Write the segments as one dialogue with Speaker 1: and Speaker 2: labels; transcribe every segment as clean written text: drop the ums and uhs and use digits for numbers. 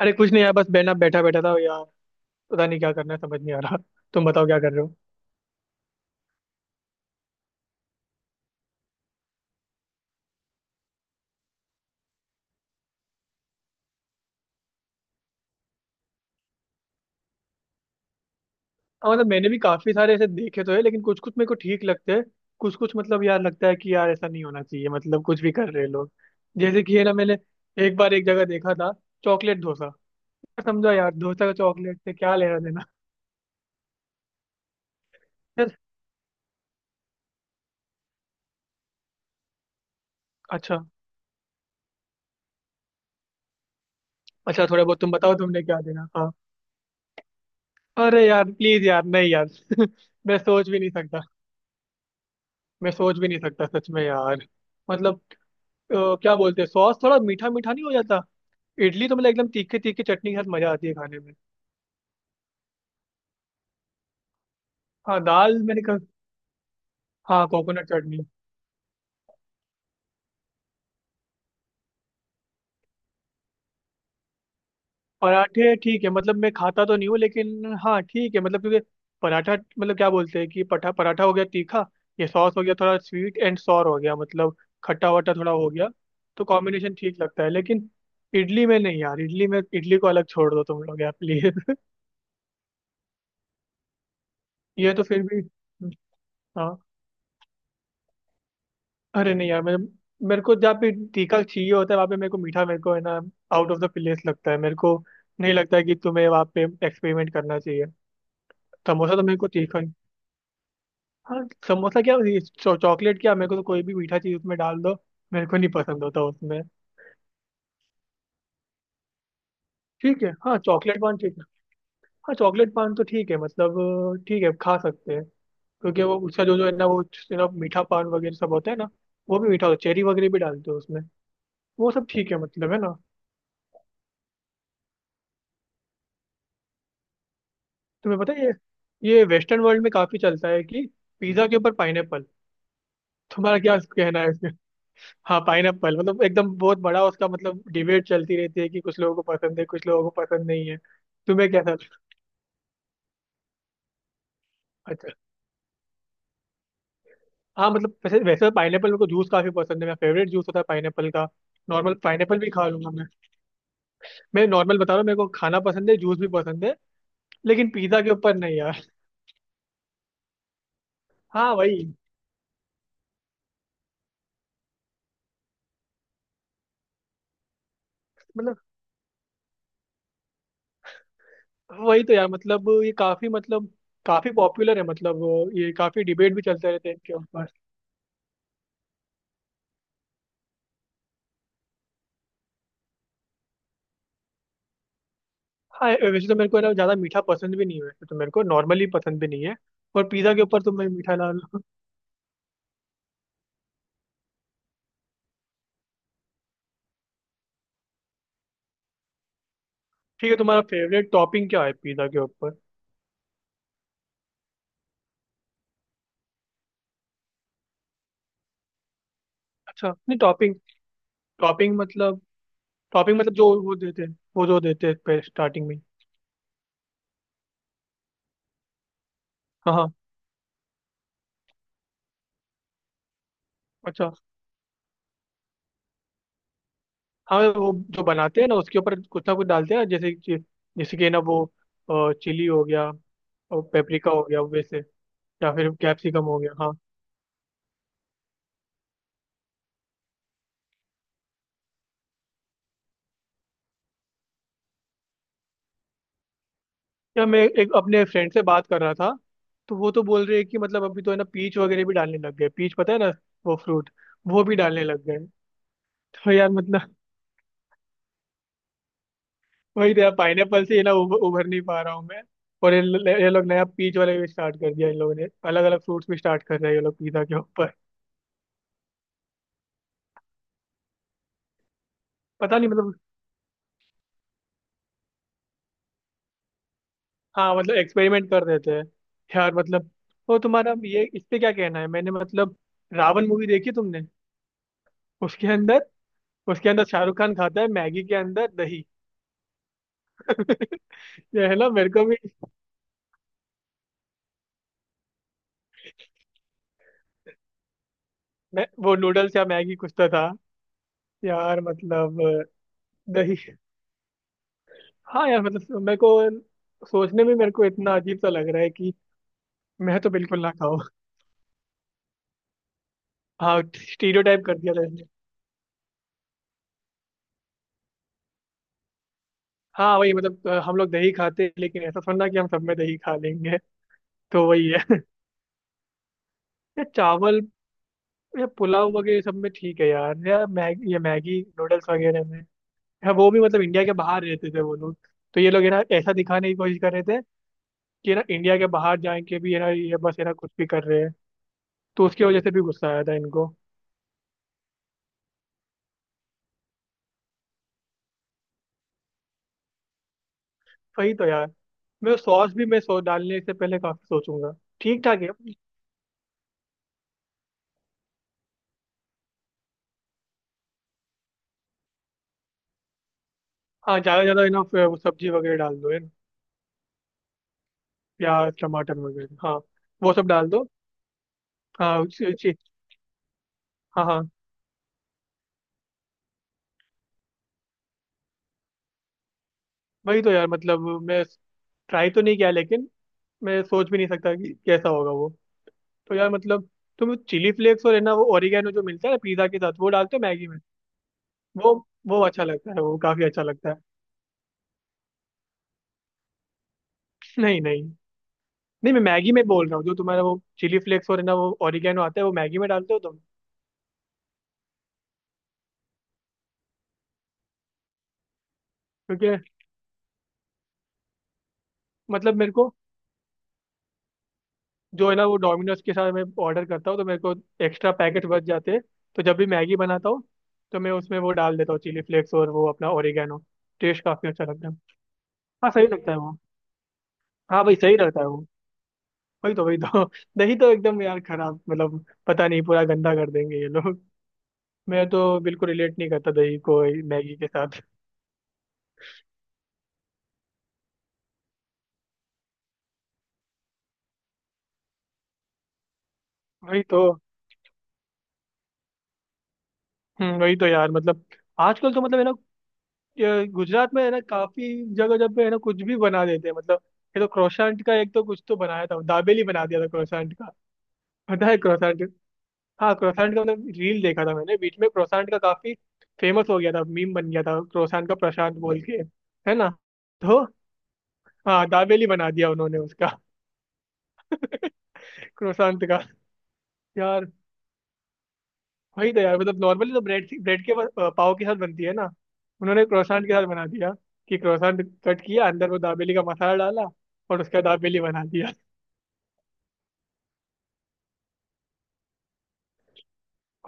Speaker 1: अरे कुछ नहीं यार, बस बैठा बैठा बैठा था यार। पता नहीं क्या करना है, समझ नहीं आ रहा। तुम बताओ क्या कर रहे हो। हाँ, मतलब मैंने भी काफी सारे ऐसे देखे तो है, लेकिन कुछ कुछ मेरे को ठीक लगते हैं। कुछ कुछ मतलब यार लगता है कि यार ऐसा नहीं होना चाहिए, मतलब कुछ भी कर रहे हैं लोग। जैसे कि है ना, मैंने एक बार एक जगह देखा था चॉकलेट डोसा। समझो यार, डोसा का चॉकलेट से क्या लेना देना। यार। अच्छा, अच्छा थोड़ा बहुत तुम बताओ तुमने क्या देना। हाँ, अरे यार प्लीज यार, नहीं यार। मैं सोच भी नहीं सकता। मैं सोच भी नहीं सकता सच में यार। मतलब क्या बोलते हैं, सॉस थोड़ा मीठा मीठा नहीं हो जाता। इडली तो मतलब एकदम तीखे तीखे चटनी के साथ मजा आती है खाने में। हाँ दाल, मैंने कहा। हाँ कोकोनट चटनी। पराठे ठीक है, मतलब मैं खाता तो नहीं हूँ, लेकिन हाँ ठीक है, मतलब क्योंकि पराठा, मतलब क्या बोलते हैं कि पठा पराठा हो गया तीखा, ये सॉस हो गया थोड़ा स्वीट एंड सॉर हो गया, मतलब खट्टा वट्टा थोड़ा हो गया। तो कॉम्बिनेशन ठीक लगता है, लेकिन इडली में नहीं यार। इडली में, इडली को अलग छोड़ दो तुम लोग, यार प्लीज। ये तो फिर भी। हाँ, अरे नहीं यार, मेरे मेरे को जहाँ पे तीखा चाहिए होता है वहाँ पे मेरे को मीठा, मेरे को है ना आउट ऑफ द प्लेस लगता है। मेरे को नहीं लगता है कि तुम्हें वहाँ पे एक्सपेरिमेंट करना चाहिए। समोसा तो मेरे को तीखा ही। हाँ, समोसा क्या, ये चॉकलेट क्या, मेरे को तो कोई भी मीठा चीज़ उसमें डाल दो, मेरे को नहीं पसंद होता उसमें। ठीक है, हाँ चॉकलेट पान ठीक है। हाँ चॉकलेट पान तो ठीक है, मतलब ठीक है, खा सकते हैं। क्योंकि वो उसका जो जो है ना वो मीठा पान वगैरह सब होता है ना। वो भी मीठा होता है, चेरी वगैरह भी डालते हैं उसमें। वो सब ठीक है, मतलब है ना। तुम्हें पता है, ये वेस्टर्न वर्ल्ड में काफी चलता है कि पिज्जा के ऊपर पाइनएप्पल। तुम्हारा क्या कहना है इसमें। हाँ पाइनएप्पल, मतलब एकदम बहुत बड़ा उसका मतलब डिबेट चलती रहती है कि कुछ लोगों को पसंद है, कुछ लोगों को पसंद नहीं है। तुम्हें कैसा लगता है? अच्छा। हाँ मतलब, वैसे वैसे पाइनएप्पल मेरे को जूस काफी पसंद है, मेरा फेवरेट जूस होता है पाइनएप्पल का। नॉर्मल पाइनएप्पल भी खा लूंगा मैं। मैं नॉर्मल बता रहा हूँ, मेरे को खाना पसंद है, जूस भी पसंद है। लेकिन पिज्जा के ऊपर नहीं यार। हाँ, वही मतलब, वही तो यार, मतलब ये काफी मतलब काफी पॉपुलर है मतलब। ये काफी डिबेट भी चलते रहते हैं इनके ऊपर। हाँ वैसे तो मेरे को है ना, ज्यादा मीठा पसंद भी नहीं है वैसे तो, मेरे को नॉर्मली पसंद भी नहीं है। और पिज्जा के ऊपर तो मैं मीठा डाल लूं। ठीक है, तुम्हारा फेवरेट टॉपिंग क्या है पिज्जा के ऊपर। अच्छा, नहीं टॉपिंग। टॉपिंग मतलब। टॉपिंग मतलब जो वो देते हैं, वो जो देते हैं स्टार्टिंग में। हाँ हाँ, अच्छा। हाँ, वो जो बनाते हैं ना उसके ऊपर कुछ ना कुछ डालते हैं ना, जैसे कि ना वो चिली हो गया और पेपरिका हो गया वैसे, या फिर कैप्सिकम हो गया, हाँ। या मैं एक अपने फ्रेंड से बात कर रहा था तो वो तो बोल रहे हैं कि मतलब अभी तो है ना पीच वगैरह भी डालने लग गए। पीच पता है ना, वो फ्रूट, वो भी डालने लग गए। तो यार मतलब वही तो यार, पाइनएप्पल से ये ना उभर नहीं पा रहा हूँ मैं। और ये लोग नया पीच वाले भी स्टार्ट कर दिया, इन लोगों ने अलग अलग फ्रूट्स भी स्टार्ट कर रहे हैं ये लोग पिज्जा के ऊपर। पता नहीं मतलब। हाँ मतलब एक्सपेरिमेंट कर देते हैं। यार मतलब, वो तुम्हारा ये इस पे क्या कहना है मैंने, मतलब रावण मूवी देखी तुमने? उसके अंदर उसके अंदर शाहरुख खान खाता है मैगी के अंदर दही। ये है ना मेरे को भी, वो नूडल्स या मैगी कुछ तो था। यार मतलब दही। हाँ यार मतलब, मेरे को सोचने में मेरे को इतना अजीब सा लग रहा है कि मैं तो बिल्कुल ना खाऊं। हाँ स्टीरियोटाइप कर दिया था इसने। हाँ वही मतलब हम लोग दही खाते हैं, लेकिन ऐसा थोड़ा कि हम सब में दही खा लेंगे, तो वही है। या चावल या पुलाव वगैरह सब में ठीक है यार, या मैगी, ये मैगी नूडल्स वगैरह में। हाँ, वो भी मतलब इंडिया के बाहर रहते थे वो लोग, तो ये लोग है ना ऐसा दिखाने की कोशिश कर रहे थे कि है ना इंडिया के बाहर जाए के भी है ना, ये बस है ना कुछ भी कर रहे हैं, तो उसकी वजह से भी गुस्सा आया था इनको। वही तो यार, मैं सॉस भी मैं सो डालने से पहले काफी सोचूंगा। ठीक ठाक है। हाँ, ज्यादा ज्यादा है ना, वो सब्जी वगैरह डाल दो है ना, प्याज टमाटर वगैरह, हाँ। वो सब डाल दो, हाँ। उसी- उसी- हाँ हाँ, वही तो यार मतलब, मैं ट्राई तो नहीं किया लेकिन मैं सोच भी नहीं सकता कि कैसा होगा वो। तो यार मतलब, तुम चिली फ्लेक्स और है ना वो ओरिगेनो जो मिलता है ना पिज्जा के साथ, वो डालते हो मैगी में? वो वो अच्छा लगता है, वो काफी अच्छा लगता है। नहीं नहीं, नहीं मैं मैगी में बोल रहा हूँ, जो तुम्हारा वो चिली फ्लेक्स और है ना वो ओरिगेनो आता है वो मैगी में डालते हो तुम? क्योंकि मतलब, मेरे को जो है ना, वो डोमिनोज के साथ मैं ऑर्डर करता हूँ तो मेरे को एक्स्ट्रा पैकेट बच जाते हैं, तो जब भी मैगी बनाता हूँ तो मैं उसमें वो डाल देता हूँ, चिली फ्लेक्स और वो अपना ओरिगेनो। टेस्ट काफी अच्छा लगता है। हाँ, सही लगता है वो। हाँ भाई, सही लगता है वो। वही तो, वही तो। दही तो एकदम यार खराब, मतलब पता नहीं, पूरा गंदा कर देंगे ये लोग। मैं तो बिल्कुल रिलेट नहीं करता दही को मैगी के साथ। वही तो। वही तो यार मतलब, आजकल तो मतलब है ना, ये गुजरात में है ना काफी जगह जब पे है ना कुछ भी बना देते हैं मतलब। ये तो क्रोसेंट का एक तो कुछ तो बनाया था, दाबेली बना दिया था क्रोसेंट का। पता है क्रोसेंट? हाँ क्रोसेंट का मतलब रील देखा था मैंने बीच में, क्रोसेंट का काफी फेमस हो गया था, मीम बन गया था क्रोसेंट का प्रशांत बोल के, है ना, तो हाँ दाबेली बना दिया उन्होंने उसका। क्रोसान का। यार वही तो यार मतलब, नॉर्मली तो ब्रेड ब्रेड के पाव के साथ बनती है ना, उन्होंने क्रोसान के साथ बना दिया। कि क्रोसान कट किया, अंदर वो दाबेली का मसाला डाला, और उसका दाबेली बना दिया।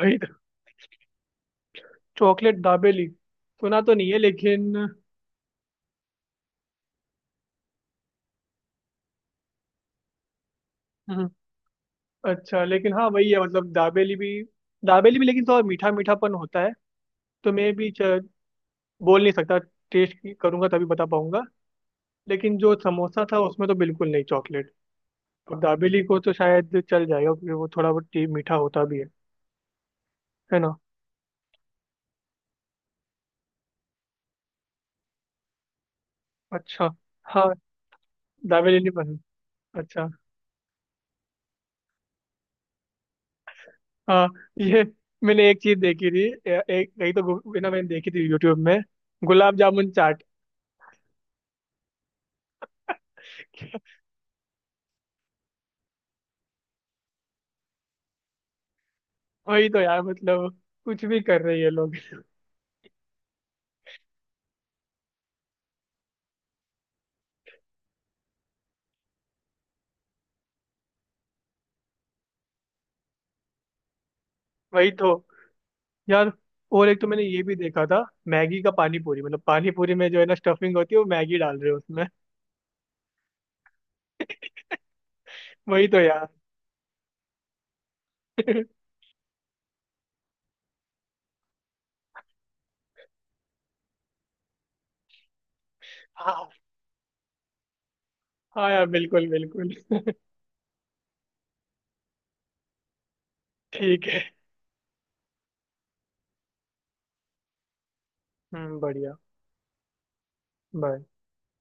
Speaker 1: वही तो। चॉकलेट दाबेली सुना तो नहीं है, लेकिन हम्म, अच्छा, लेकिन हाँ वही है, मतलब दाबेली भी, दाबेली भी, लेकिन थोड़ा मीठा मीठापन होता है, तो मैं भी बोल नहीं सकता, टेस्ट करूंगा तभी बता पाऊंगा। लेकिन जो समोसा था उसमें तो बिल्कुल नहीं चॉकलेट, और दाबेली को तो शायद चल जाएगा क्योंकि वो थोड़ा बहुत टी मीठा होता भी है ना। अच्छा। हाँ दाबेली नहीं पसंद। अच्छा। हाँ ये मैंने एक चीज देखी थी, एक कहीं तो ना, मैंने देखी थी यूट्यूब में, गुलाब जामुन चाट। वही तो यार मतलब, कुछ भी कर रहे हैं ये लोग। वही तो यार, और एक तो मैंने ये भी देखा था, मैगी का पानी पूरी, मतलब पानी पूरी में जो है ना स्टफिंग होती है वो मैगी डाल रहे हैं उसमें। वही तो यार। हाँ हाँ यार, बिल्कुल बिल्कुल। ठीक है। हम्म, बढ़िया। बाय।